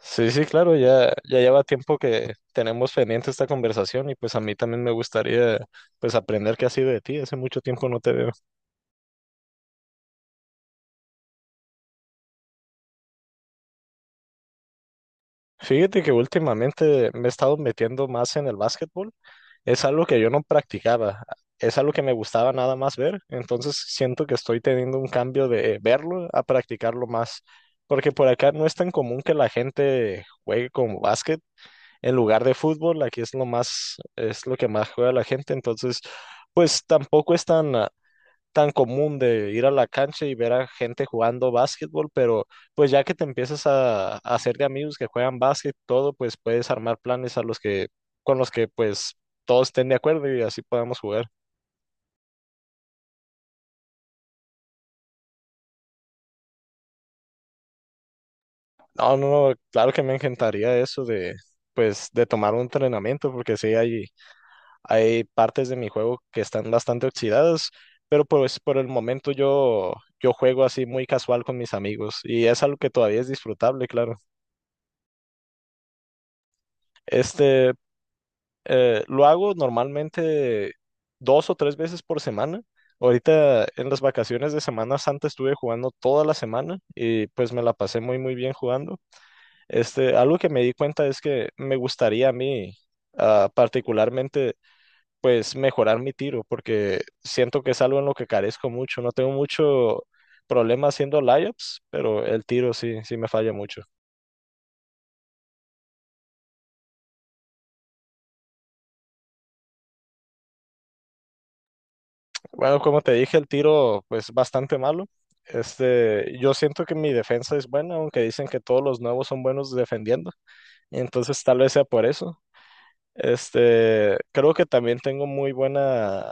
Sí, sí, claro, ya lleva tiempo que tenemos pendiente esta conversación y pues a mí también me gustaría pues aprender qué ha sido de ti, hace mucho tiempo no te veo. Fíjate que últimamente me he estado metiendo más en el básquetbol, es algo que yo no practicaba, es algo que me gustaba nada más ver, entonces siento que estoy teniendo un cambio de verlo a practicarlo más, porque por acá no es tan común que la gente juegue con básquet en lugar de fútbol, aquí es lo más, es lo que más juega la gente, entonces, pues tampoco es tan, tan común de ir a la cancha y ver a gente jugando básquetbol, pero pues ya que te empiezas a hacer de amigos que juegan básquet, todo, pues puedes armar planes a los que, con los que pues todos estén de acuerdo y así podamos jugar. No, no, no, claro que me encantaría eso de, pues, de tomar un entrenamiento, porque sí hay partes de mi juego que están bastante oxidadas, pero pues por el momento yo juego así muy casual con mis amigos y es algo que todavía es disfrutable, claro. Este, lo hago normalmente dos o tres veces por semana. Ahorita en las vacaciones de Semana Santa estuve jugando toda la semana y pues me la pasé muy muy bien jugando. Este, algo que me di cuenta es que me gustaría a mí particularmente pues mejorar mi tiro, porque siento que es algo en lo que carezco mucho. No tengo mucho problema haciendo layups, pero el tiro sí, sí me falla mucho. Bueno, como te dije, el tiro pues bastante malo. Este, yo siento que mi defensa es buena, aunque dicen que todos los nuevos son buenos defendiendo. Entonces tal vez sea por eso. Este, creo que también tengo muy buena,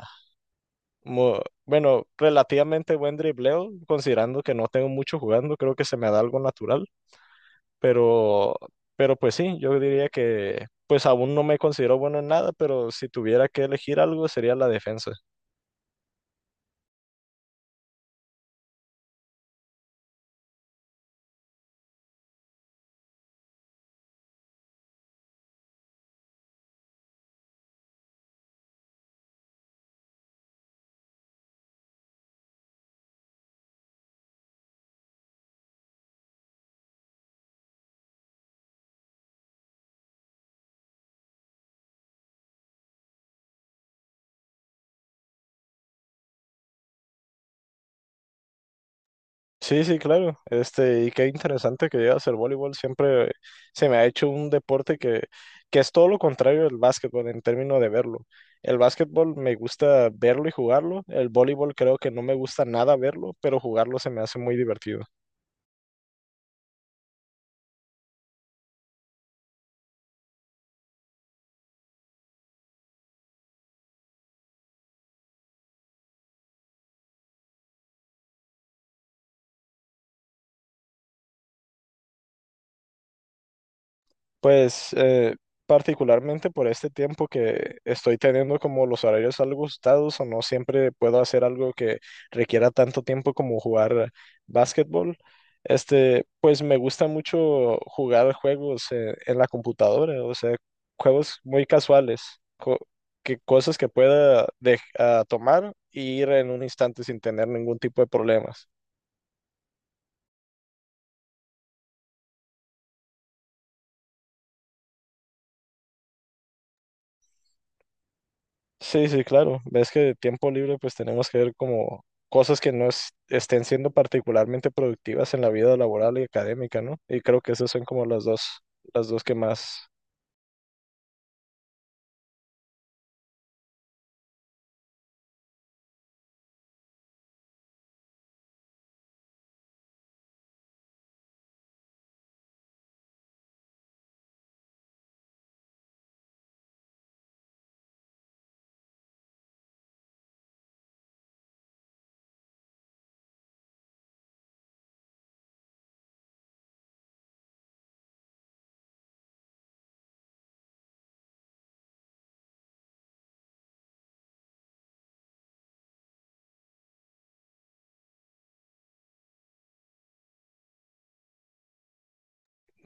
bueno, relativamente buen dribleo, considerando que no tengo mucho jugando, creo que se me da algo natural. Pero, pero pues sí, yo diría que pues aún no me considero bueno en nada, pero si tuviera que elegir algo sería la defensa. Sí, sí, claro. Este, y qué interesante que llegas al voleibol. Siempre se me ha hecho un deporte que es todo lo contrario del básquetbol en términos de verlo. El básquetbol me gusta verlo y jugarlo. El voleibol creo que no me gusta nada verlo, pero jugarlo se me hace muy divertido. Pues particularmente por este tiempo que estoy teniendo como los horarios algo ajustados o no siempre puedo hacer algo que requiera tanto tiempo como jugar básquetbol. Este, pues me gusta mucho jugar juegos en la computadora, o sea, juegos muy casuales, co- que cosas que pueda tomar e ir en un instante sin tener ningún tipo de problemas. Sí, sí, claro. Ves que de tiempo libre pues tenemos que ver como cosas que no es- estén siendo particularmente productivas en la vida laboral y académica, ¿no? Y creo que esas son como las dos que más...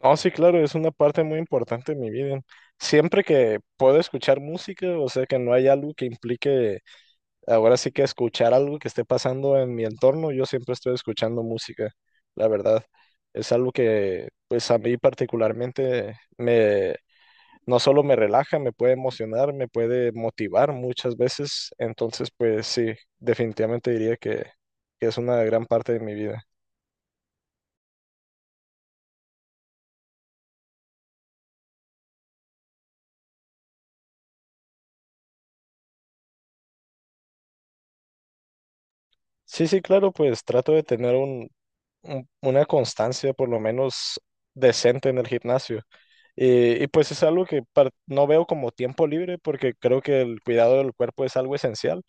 Oh, sí, claro, es una parte muy importante de mi vida. Siempre que puedo escuchar música, o sea, que no hay algo que implique ahora sí que escuchar algo que esté pasando en mi entorno, yo siempre estoy escuchando música, la verdad. Es algo que pues a mí particularmente me no solo me relaja, me puede emocionar, me puede motivar muchas veces. Entonces, pues sí, definitivamente diría que es una gran parte de mi vida. Sí, sí, claro, pues trato de tener una constancia por lo menos decente en el gimnasio. Y pues es algo que no veo como tiempo libre porque creo que el cuidado del cuerpo es algo esencial.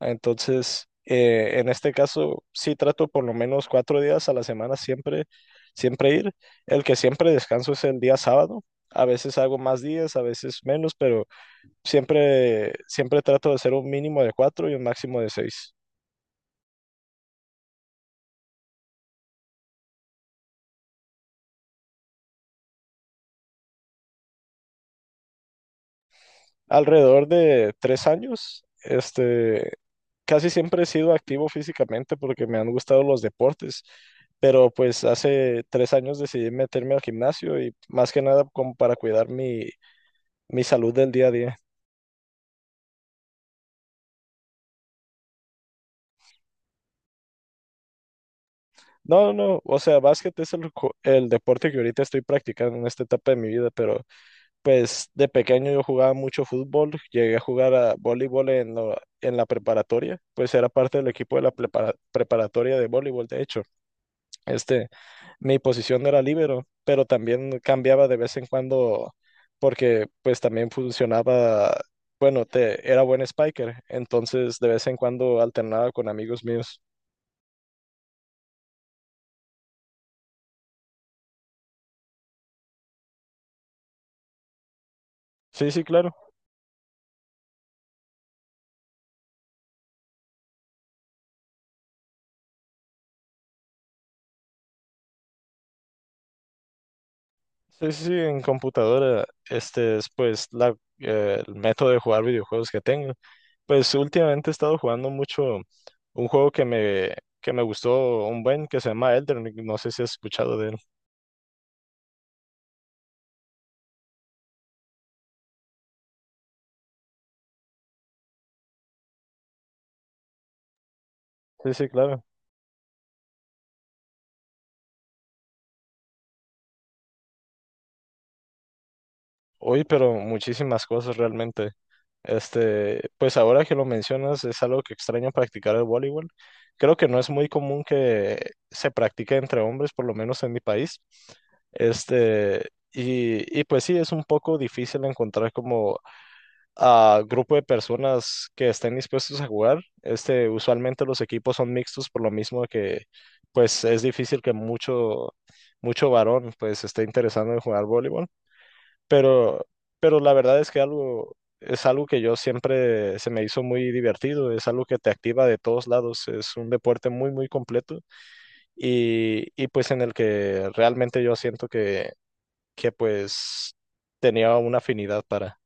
Entonces, en este caso, sí trato por lo menos cuatro días a la semana siempre, siempre ir. El que siempre descanso es el día sábado. A veces hago más días, a veces menos, pero siempre, siempre trato de hacer un mínimo de cuatro y un máximo de seis. Alrededor de tres años, este, casi siempre he sido activo físicamente porque me han gustado los deportes, pero pues hace tres años decidí meterme al gimnasio y más que nada como para cuidar mi, mi salud del día a día. No, no, o sea, básquet es el deporte que ahorita estoy practicando en esta etapa de mi vida, pero pues de pequeño yo jugaba mucho fútbol, llegué a jugar a voleibol en la preparatoria, pues era parte del equipo de la preparatoria de voleibol, de hecho. Este, mi posición no era líbero, pero también cambiaba de vez en cuando porque pues también funcionaba, bueno, era buen spiker, entonces de vez en cuando alternaba con amigos míos. Sí, sí, claro. Sí, sí, sí, en computadora, este es pues el método de jugar videojuegos que tengo. Pues últimamente he estado jugando mucho un juego que me gustó un buen, que se llama Elden Ring, no sé si has escuchado de él. Sí, sí, claro. Hoy, pero muchísimas cosas realmente. Este, pues ahora que lo mencionas, es algo que extraño practicar el voleibol. Creo que no es muy común que se practique entre hombres, por lo menos en mi país. Este, y pues sí, es un poco difícil encontrar como a grupo de personas que estén dispuestos a jugar. Este, usualmente los equipos son mixtos por lo mismo que pues es difícil que mucho, mucho varón pues esté interesado en jugar voleibol. Pero, pero la verdad es que algo, es algo que yo siempre se me hizo muy divertido, es algo que te activa de todos lados, es un deporte muy, muy completo y pues en el que realmente yo siento que pues tenía una afinidad para.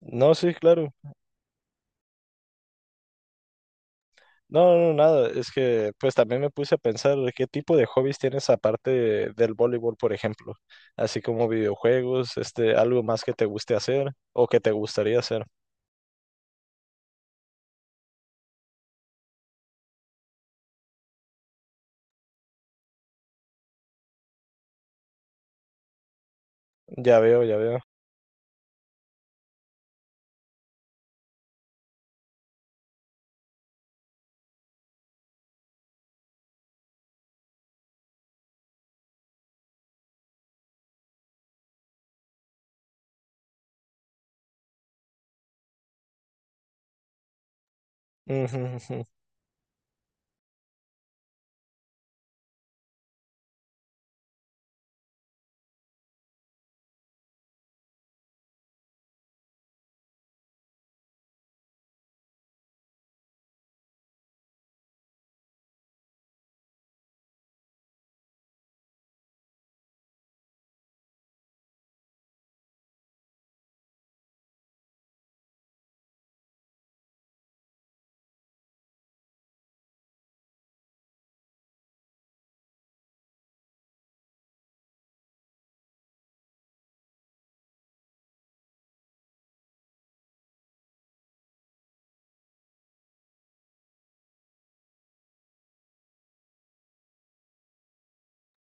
No, sí, claro. No, no, nada, es que pues también me puse a pensar qué tipo de hobbies tienes aparte del voleibol, por ejemplo, así como videojuegos, este, algo más que te guste hacer o que te gustaría hacer. Ya veo, ya veo. Ujú, ujú.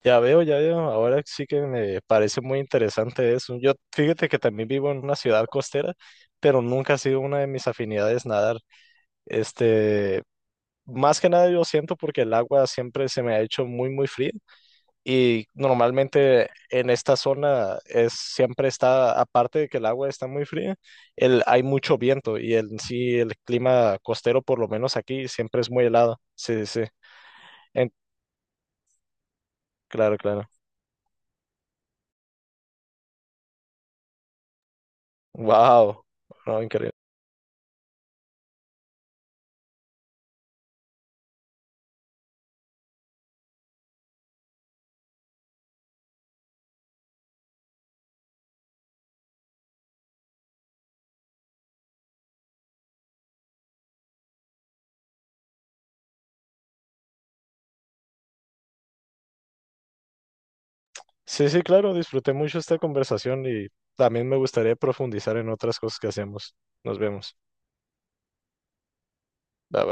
Ya veo, ya veo. Ahora sí que me parece muy interesante eso. Yo, fíjate que también vivo en una ciudad costera, pero nunca ha sido una de mis afinidades nadar. Este, más que nada yo siento porque el agua siempre se me ha hecho muy, muy fría y normalmente en esta zona es siempre está, aparte de que el agua está muy fría, hay mucho viento y el clima costero, por lo menos aquí, siempre es muy helado. Sí, sí. Sí. En- claro, claro. Wow. No, increíble. Sí, sí, claro, disfruté mucho esta conversación y también me gustaría profundizar en otras cosas que hacemos. Nos vemos. Bye.